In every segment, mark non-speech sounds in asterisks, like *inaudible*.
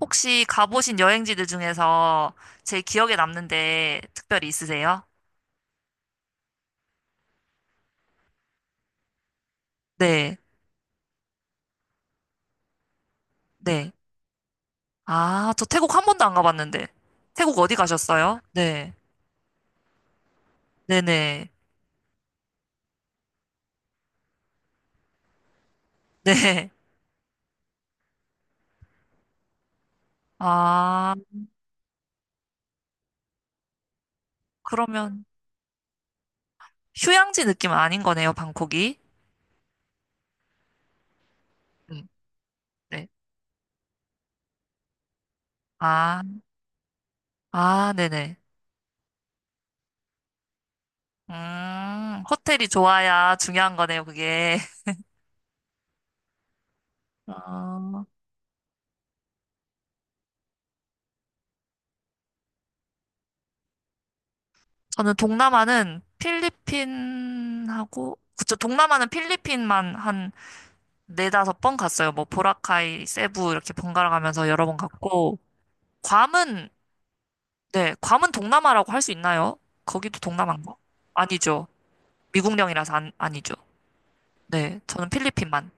혹시 가보신 여행지들 중에서 제일 기억에 남는데 특별히 있으세요? 네, 네. 아, 저 태국 한 번도 안 가봤는데. 태국 어디 가셨어요? 네, 네네, 네. *laughs* 아, 그러면 휴양지 느낌은 아닌 거네요, 방콕이. 음, 네. 아, 아, 네네. 호텔이 좋아야 중요한 거네요, 그게. *laughs* 어, 저는 동남아는 필리핀하고, 그쵸, 동남아는 필리핀만 한 네다섯 번 갔어요. 뭐 보라카이, 세부 이렇게 번갈아 가면서 여러 번 갔고 괌은 네, 괌은 동남아라고 할 수 있나요? 거기도 동남아인가? 아니죠. 미국령이라서 안, 아니죠. 네, 저는 필리핀만.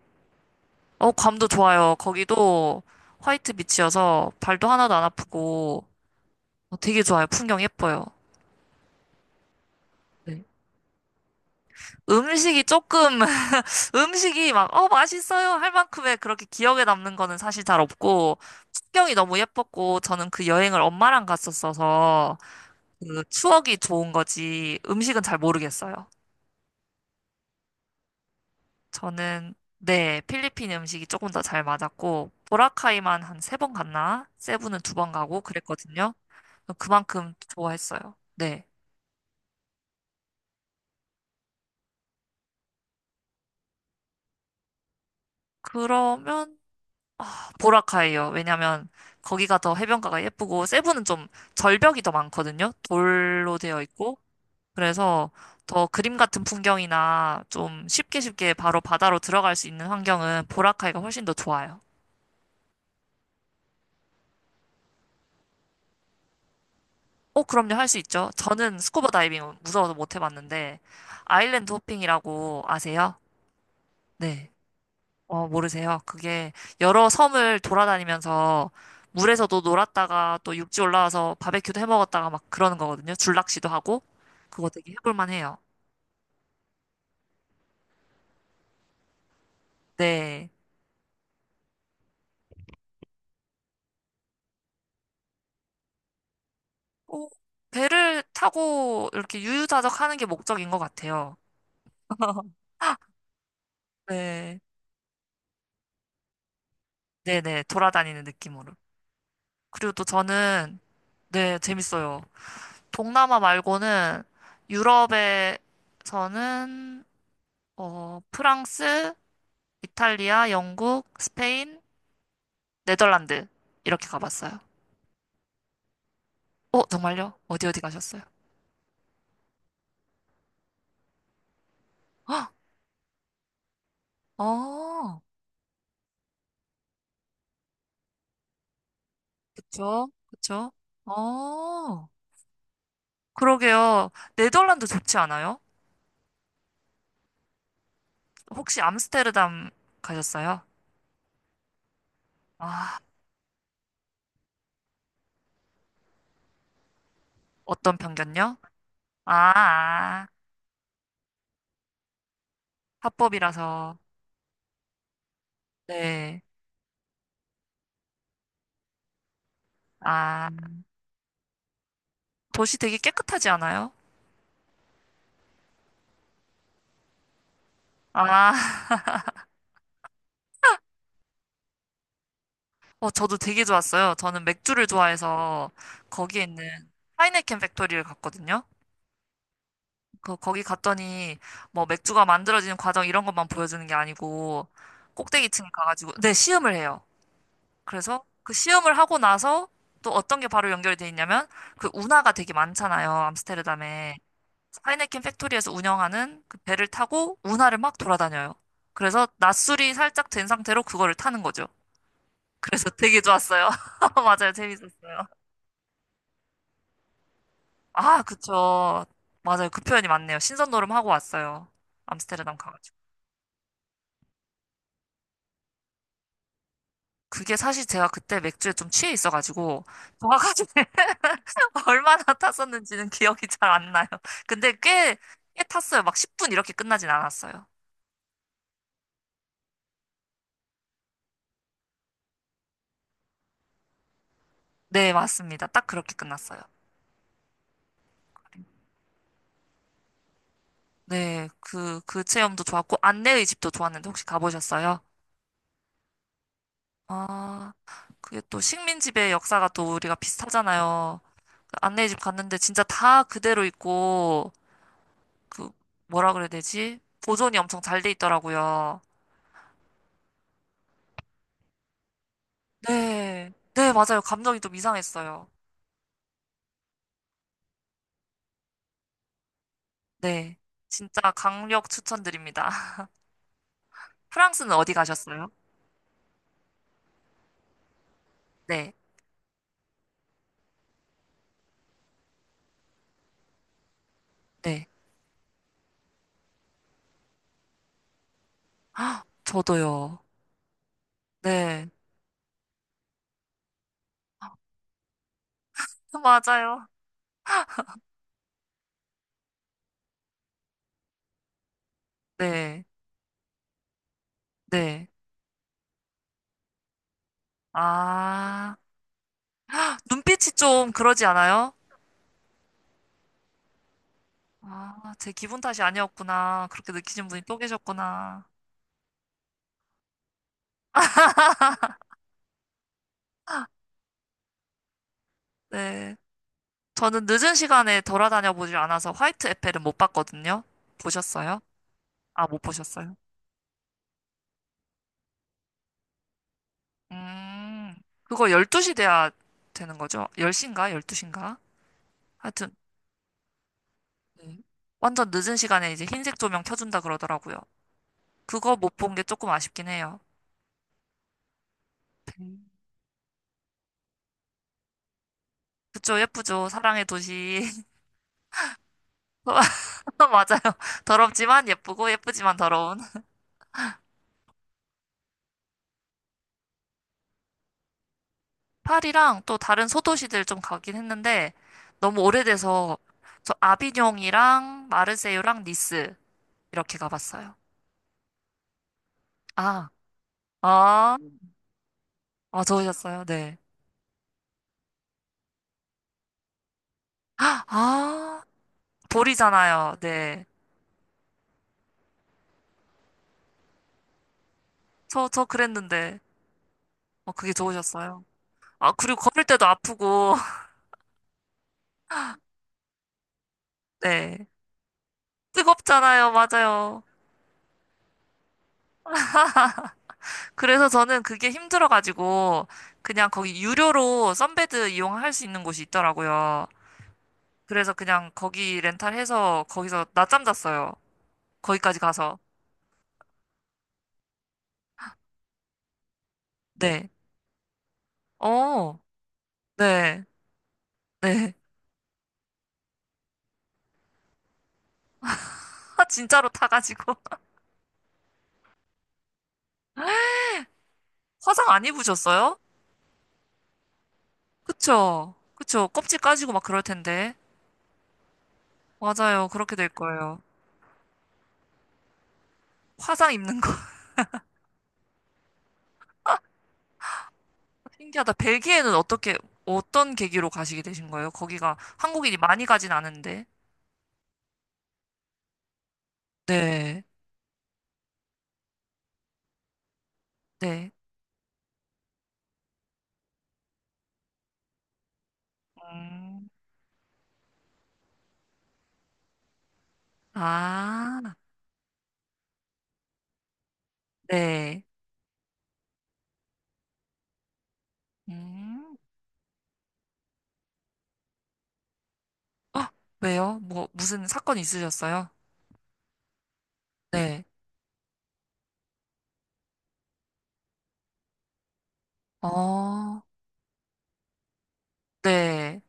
어, 괌도 좋아요. 거기도 화이트 비치여서 발도 하나도 안 아프고 어, 되게 좋아요. 풍경 예뻐요. 네. 음식이 조금 *laughs* 음식이 막 어 맛있어요 할 만큼의 그렇게 기억에 남는 거는 사실 잘 없고 풍경이 너무 예뻤고 저는 그 여행을 엄마랑 갔었어서 그 추억이 좋은 거지 음식은 잘 모르겠어요. 저는 네, 필리핀 음식이 조금 더 잘 맞았고 보라카이만 한 세 번 갔나? 세부는 두 번 가고 그랬거든요. 그만큼 좋아했어요. 네. 그러면 보라카이요. 왜냐면 거기가 더 해변가가 예쁘고 세부는 좀 절벽이 더 많거든요. 돌로 되어 있고 그래서 더 그림 같은 풍경이나 좀 쉽게 쉽게 바로 바다로 들어갈 수 있는 환경은 보라카이가 훨씬 더 좋아요. 어, 그럼요. 할 수 있죠. 저는 스쿠버 다이빙 무서워서 못 해봤는데, 아일랜드 호핑이라고 아세요? 네. 어, 모르세요. 그게 여러 섬을 돌아다니면서 물에서도 놀았다가 또 육지 올라와서 바베큐도 해 먹었다가 막 그러는 거거든요. 줄낚시도 하고. 그거 되게 해볼만 해요. 네. 어, 배를 타고 이렇게 유유자적 하는 게 목적인 것 같아요. 네. 네네. 돌아다니는 느낌으로. 그리고 또 저는, 네, 재밌어요. 동남아 말고는 유럽에서는 어, 프랑스, 이탈리아, 영국, 스페인, 네덜란드 이렇게 가봤어요. 어, 정말요? 어디 어디 가셨어요? 헉, 어, 그쵸, 그쵸. 어, 그러게요. 네덜란드 좋지 않아요? 혹시 암스테르담 가셨어요? 아, 어떤 편견요? 아, 아, 합법이라서. 네. 아, 도시 되게 깨끗하지 않아요? 아, 어, 저도 되게 좋았어요. 저는 맥주를 좋아해서 거기에 있는 하이네켄 팩토리를 갔거든요. 그, 거기 갔더니 뭐 맥주가 만들어지는 과정 이런 것만 보여주는 게 아니고 꼭대기층에 가가지고 네, 시음을 해요. 그래서 그 시음을 하고 나서 또 어떤 게 바로 연결이 돼 있냐면 그 운하가 되게 많잖아요. 암스테르담에. 하이네켄 팩토리에서 운영하는 그 배를 타고 운하를 막 돌아다녀요. 그래서 낮술이 살짝 된 상태로 그거를 타는 거죠. 그래서 되게 좋았어요. *laughs* 맞아요. 재밌었어요. 아, 그쵸. 맞아요. 그 표현이 맞네요. 신선놀음 하고 왔어요. 암스테르담 가가지고. 그게 사실 제가 그때 맥주에 좀 취해 있어가지고, 정확하게 *laughs* 얼마나 탔었는지는 기억이 잘 안 나요. 근데 꽤, 꽤 탔어요. 막 10분 이렇게 끝나진 않았어요. 네, 맞습니다. 딱 그렇게 끝났어요. 네, 그, 그 체험도 좋았고, 안내의 집도 좋았는데 혹시 가보셨어요? 아, 그게 또 식민지배 역사가 또 우리가 비슷하잖아요. 그 안내의 집 갔는데 진짜 다 그대로 있고, 그 뭐라 그래야 되지? 보존이 엄청 잘 돼 있더라고요. 네. 네, 맞아요. 감정이 좀 이상했어요. 네. 진짜 강력 추천드립니다. *laughs* 프랑스는 어디 가셨어요? 네. 네. 저도요. 네. *laughs* 맞아요. 네. 네. 아, 눈빛이 좀 그러지 않아요? 아, 제 기분 탓이 아니었구나. 그렇게 느끼신 분이 또 계셨구나. 네. 저는 늦은 시간에 돌아다녀 보질 않아서 화이트 에펠은 못 봤거든요. 보셨어요? 아, 못 보셨어요? 음, 그거 12시 돼야 되는 거죠? 10시인가? 12시인가? 하여튼, 네. 완전 늦은 시간에 이제 흰색 조명 켜준다 그러더라고요. 그거 못 본 게 조금 아쉽긴 해요. 음. 그쵸, 예쁘죠? 사랑의 도시. *laughs* 맞아요. 더럽지만 예쁘고, 예쁘지만 더러운. 파리랑 또 다른 소도시들 좀 가긴 했는데, 너무 오래돼서, 저 아비뇽이랑 마르세유랑 니스, 이렇게 가봤어요. 아, 아, 아, 좋으셨어요? 네. 아, 볼이잖아요. 네. 저 그랬는데, 어, 그게 좋으셨어요. 아, 그리고 걸을 때도 아프고, *laughs* 네. 뜨겁잖아요. 맞아요. 그래서 저는 그게 힘들어가지고, 그냥 거기 유료로 선베드 이용할 수 있는 곳이 있더라고요. 그래서 그냥 거기 렌탈해서 거기서 낮잠 잤어요. 거기까지 가서. 네. 어, 네. 네. *laughs* 아, 진짜로 타가지고. *laughs* 화상 안 입으셨어요? 그쵸. 그쵸. 껍질 까지고 막 그럴 텐데. 맞아요. 그렇게 될 거예요. 화상 입는 거. *laughs* 신기하다. 벨기에는 어떻게, 어떤 계기로 가시게 되신 거예요? 거기가 한국인이 많이 가진 않은데. 네, 네. 음, 아, 네. 음, 아, 왜요? 뭐, 무슨 사건 있으셨어요? 네. 어, 네.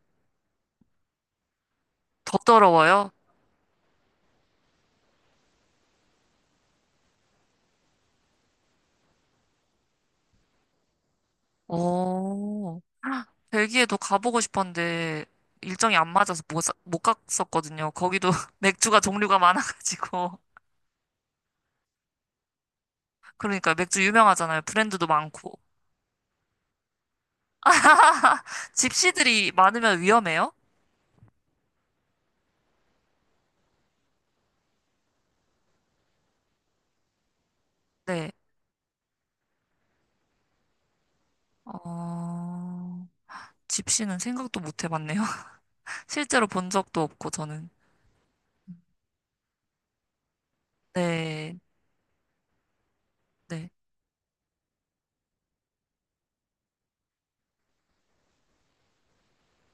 더더러워요? 오, 아, 벨기에도 가보고 싶었는데, 일정이 안 맞아서 못, 사- 못 갔었거든요. 거기도 *laughs* 맥주가 종류가 많아가지고. 그러니까 맥주 유명하잖아요. 브랜드도 많고. 집시들이 많으면 위험해요? 네. 어, 집시는 생각도 못 해봤네요. *laughs* 실제로 본 적도 없고, 저는. 네, 네.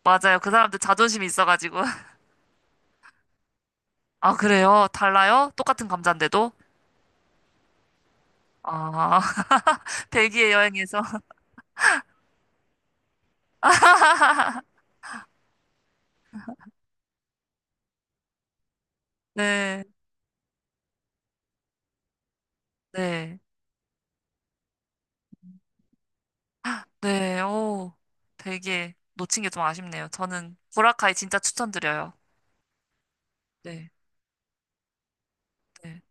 맞아요. 그 사람들 자존심이 있어가지고. *laughs* 아, 그래요? 달라요? 똑같은 감자인데도? 아, *laughs* 벨기에 여행에서. *laughs* 네, 네, 네, 오. 벨기에 놓친 게 좀 아쉽네요. 저는 보라카이 진짜 추천드려요. 네, 네.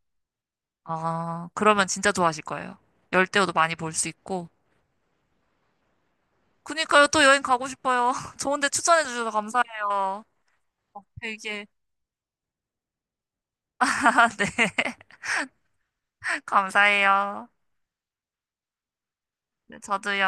아, 그러면 진짜 좋아하실 거예요. 열대어도 많이 볼 수 있고. 그니까요, 또 여행 가고 싶어요. *laughs* 좋은데 추천해 주셔서 감사해요. 되게, *laughs* 네, *laughs* 감사해요. 네, 저도요.